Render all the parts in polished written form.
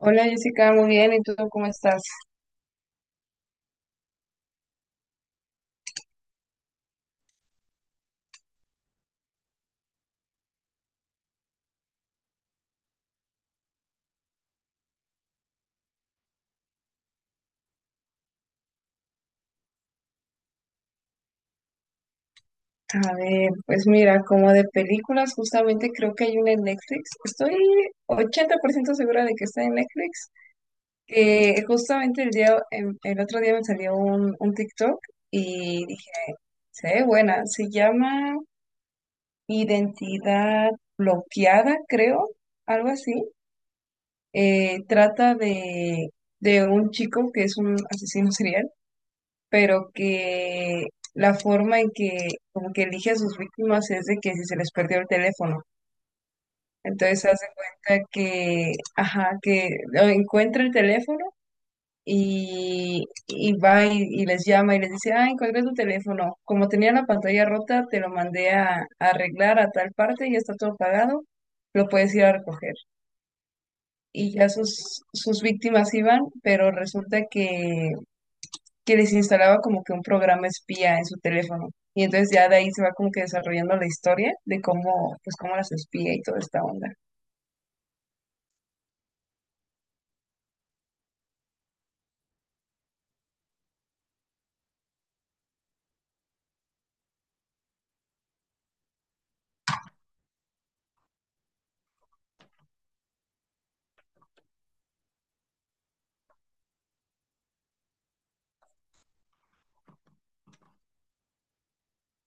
Hola Jessica, muy bien, ¿y tú cómo estás? A ver, pues mira, como de películas, justamente creo que hay una en Netflix. Estoy 80% segura de que está en Netflix. Que justamente el día, el otro día me salió un TikTok y dije, se ve buena, se llama Identidad Bloqueada, creo, algo así. Trata de un chico que es un asesino serial pero que la forma en que como que elige a sus víctimas es de que si se les perdió el teléfono. Entonces se hace cuenta que, ajá, que o encuentra el teléfono y va y les llama y les dice, ah, encontré tu teléfono. Como tenía la pantalla rota, te lo mandé a arreglar a tal parte, ya está todo pagado, lo puedes ir a recoger. Y ya sus víctimas iban, pero resulta que les instalaba como que un programa espía en su teléfono. Y entonces ya de ahí se va como que desarrollando la historia de cómo, pues cómo las espía y toda esta onda.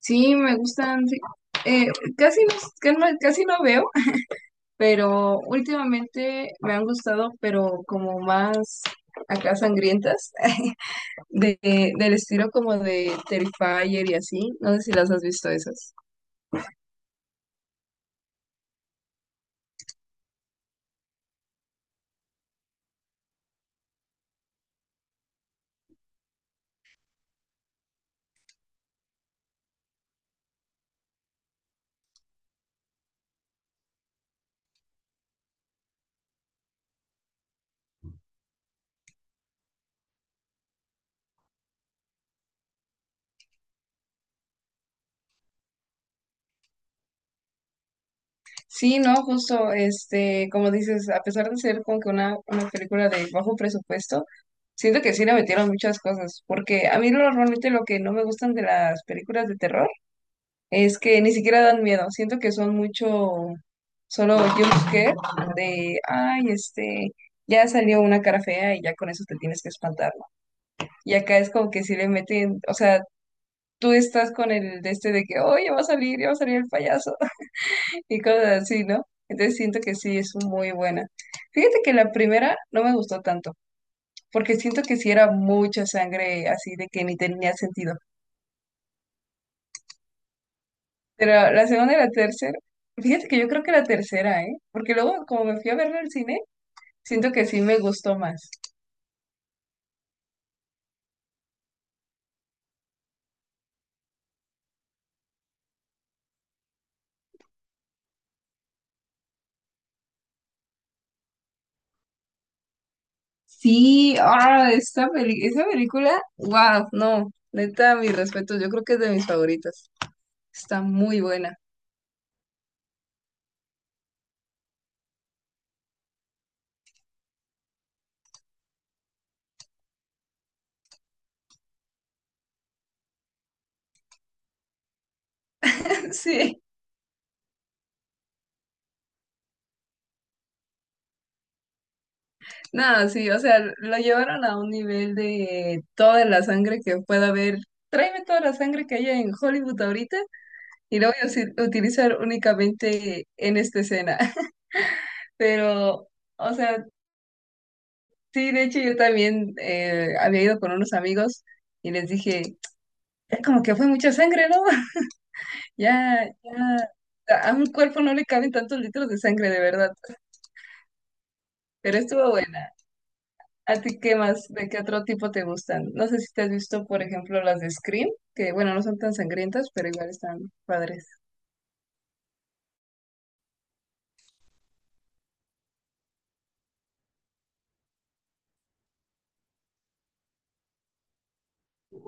Sí, me gustan, sí. Eh, Casi no, casi no veo, pero últimamente me han gustado, pero como más acá sangrientas, de, del estilo como de Terrifier y así. No sé si las has visto esas. Sí, no, justo, este, como dices, a pesar de ser como que una película de bajo presupuesto, siento que sí le metieron muchas cosas, porque a mí normalmente lo que no me gustan de las películas de terror es que ni siquiera dan miedo, siento que son mucho solo jumpscare de, ay, este, ya salió una cara fea y ya con eso te tienes que espantar, ¿no? Y acá es como que sí le meten, o sea, tú estás con el de este de que, oh, ya va a salir, ya va a salir el payaso y cosas así, ¿no? Entonces siento que sí, es muy buena. Fíjate que la primera no me gustó tanto, porque siento que sí era mucha sangre así de que ni tenía sentido. Pero la segunda y la tercera, fíjate que yo creo que la tercera, ¿eh? Porque luego como me fui a verla al cine, siento que sí me gustó más. Sí, ah, esa película, wow, no, neta, mis respetos, yo creo que es de mis favoritas. Está muy buena. Sí. Nada, sí, o sea, lo llevaron a un nivel de toda la sangre que pueda haber. Tráeme toda la sangre que haya en Hollywood ahorita y la voy a utilizar únicamente en esta escena. Pero, o sea, sí, de hecho yo también había ido con unos amigos y les dije, ya como que fue mucha sangre, ¿no? Ya, ya, a un cuerpo no le caben tantos litros de sangre, de verdad. Pero estuvo buena. ¿A ti qué más? ¿De qué otro tipo te gustan? No sé si te has visto, por ejemplo, las de Scream, que bueno, no son tan sangrientas, pero igual están padres.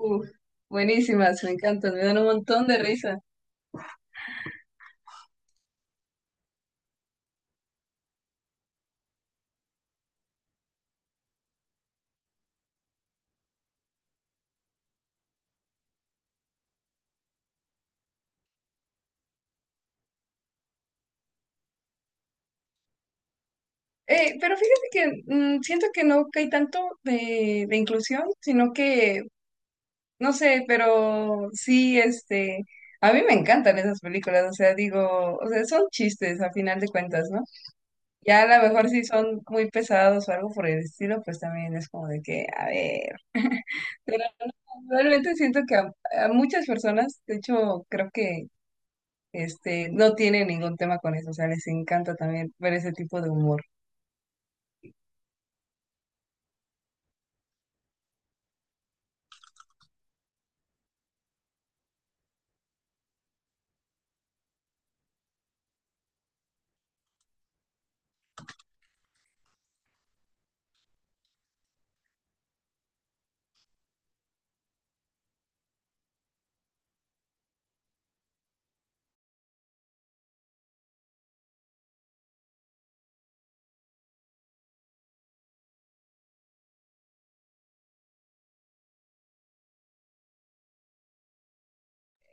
Uf, buenísimas, me encantan, me dan un montón de risa. Pero fíjate que siento que no hay tanto de inclusión, sino que, no sé, pero sí, este, a mí me encantan esas películas, o sea, digo, o sea, son chistes a final de cuentas, ¿no? Ya a lo mejor si son muy pesados o algo por el estilo, pues también es como de que, a ver. Realmente siento que a muchas personas, de hecho, creo que este no tienen ningún tema con eso, o sea, les encanta también ver ese tipo de humor.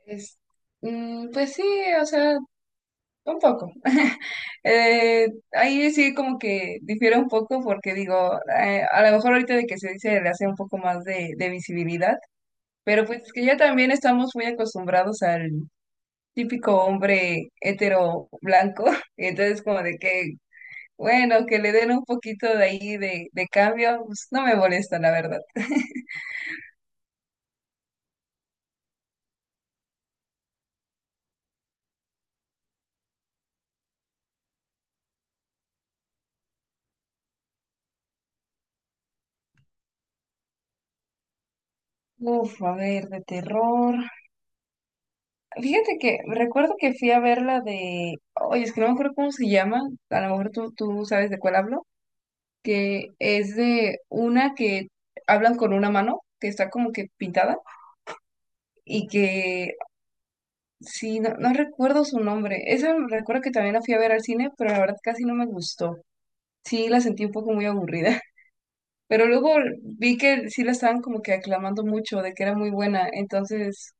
Es, pues sí, o sea, un poco. Ahí sí como que difiere un poco porque digo, a lo mejor ahorita de que se dice le hace un poco más de visibilidad, pero pues que ya también estamos muy acostumbrados al típico hombre hetero blanco, entonces como de que bueno, que le den un poquito de ahí de cambio, pues, no me molesta, la verdad. Uf, a ver, de terror. Fíjate que recuerdo que fui a ver la de. Oye, es que no me acuerdo cómo se llama. A lo mejor tú sabes de cuál hablo. Que es de una que hablan con una mano, que está como que pintada. Y que. Sí, no, no recuerdo su nombre. Esa recuerdo que también la fui a ver al cine, pero la verdad casi no me gustó. Sí, la sentí un poco muy aburrida. Pero luego vi que sí la estaban como que aclamando mucho de que era muy buena, entonces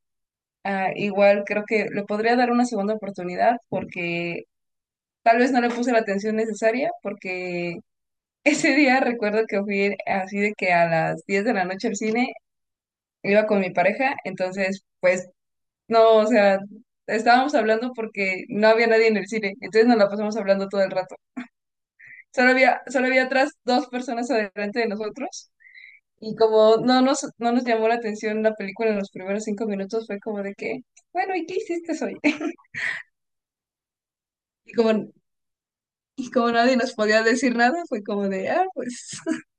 ah, igual creo que le podría dar una segunda oportunidad porque tal vez no le puse la atención necesaria porque ese día recuerdo que fui así de que a las 10 de la noche al cine iba con mi pareja, entonces pues no, o sea, estábamos hablando porque no había nadie en el cine, entonces nos la pasamos hablando todo el rato. Solo había atrás dos personas adelante de nosotros. Y como no nos llamó la atención la película en los primeros 5 minutos, fue como de que, bueno, ¿y qué hiciste hoy? Y como, y como nadie nos podía decir nada, fue como de, ah, pues,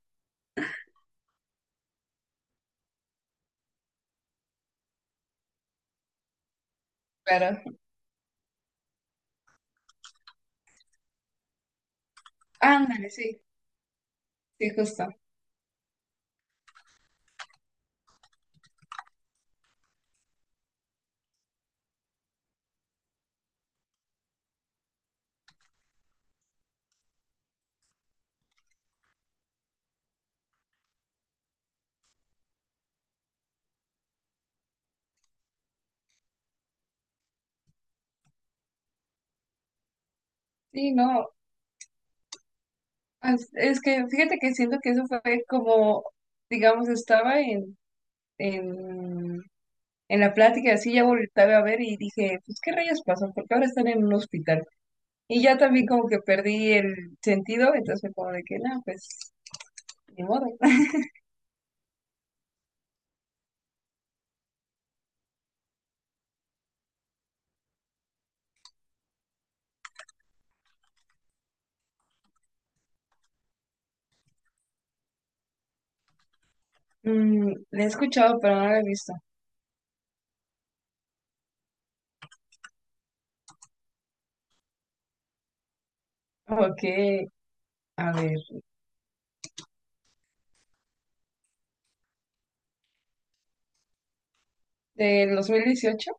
claro. Ándale, sí, sí, justo. Sí, no, es que fíjate que siento que eso fue como, digamos, estaba en, en la plática, así ya volteaba a ver y dije, pues, ¿qué rayos pasó? Porque ahora están en un hospital. Y ya también como que perdí el sentido, entonces fue como de que, no, pues, ni modo. Le he escuchado, pero no la he visto. Ok, a ver. ¿Del 2018?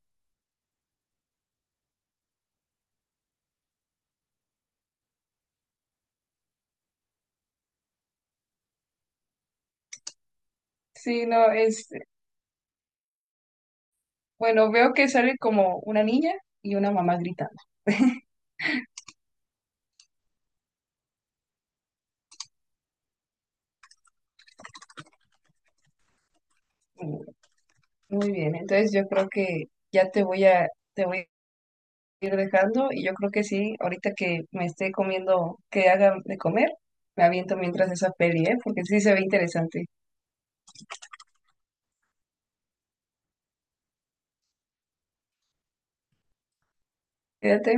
Sí, no, Bueno, veo que sale como una niña y una mamá gritando. Mm. Muy bien, entonces yo creo que ya te voy a ir dejando y yo creo que sí, ahorita que me esté comiendo, que haga de comer, me aviento mientras esa peli, ¿eh? Porque sí se ve interesante. Quédate.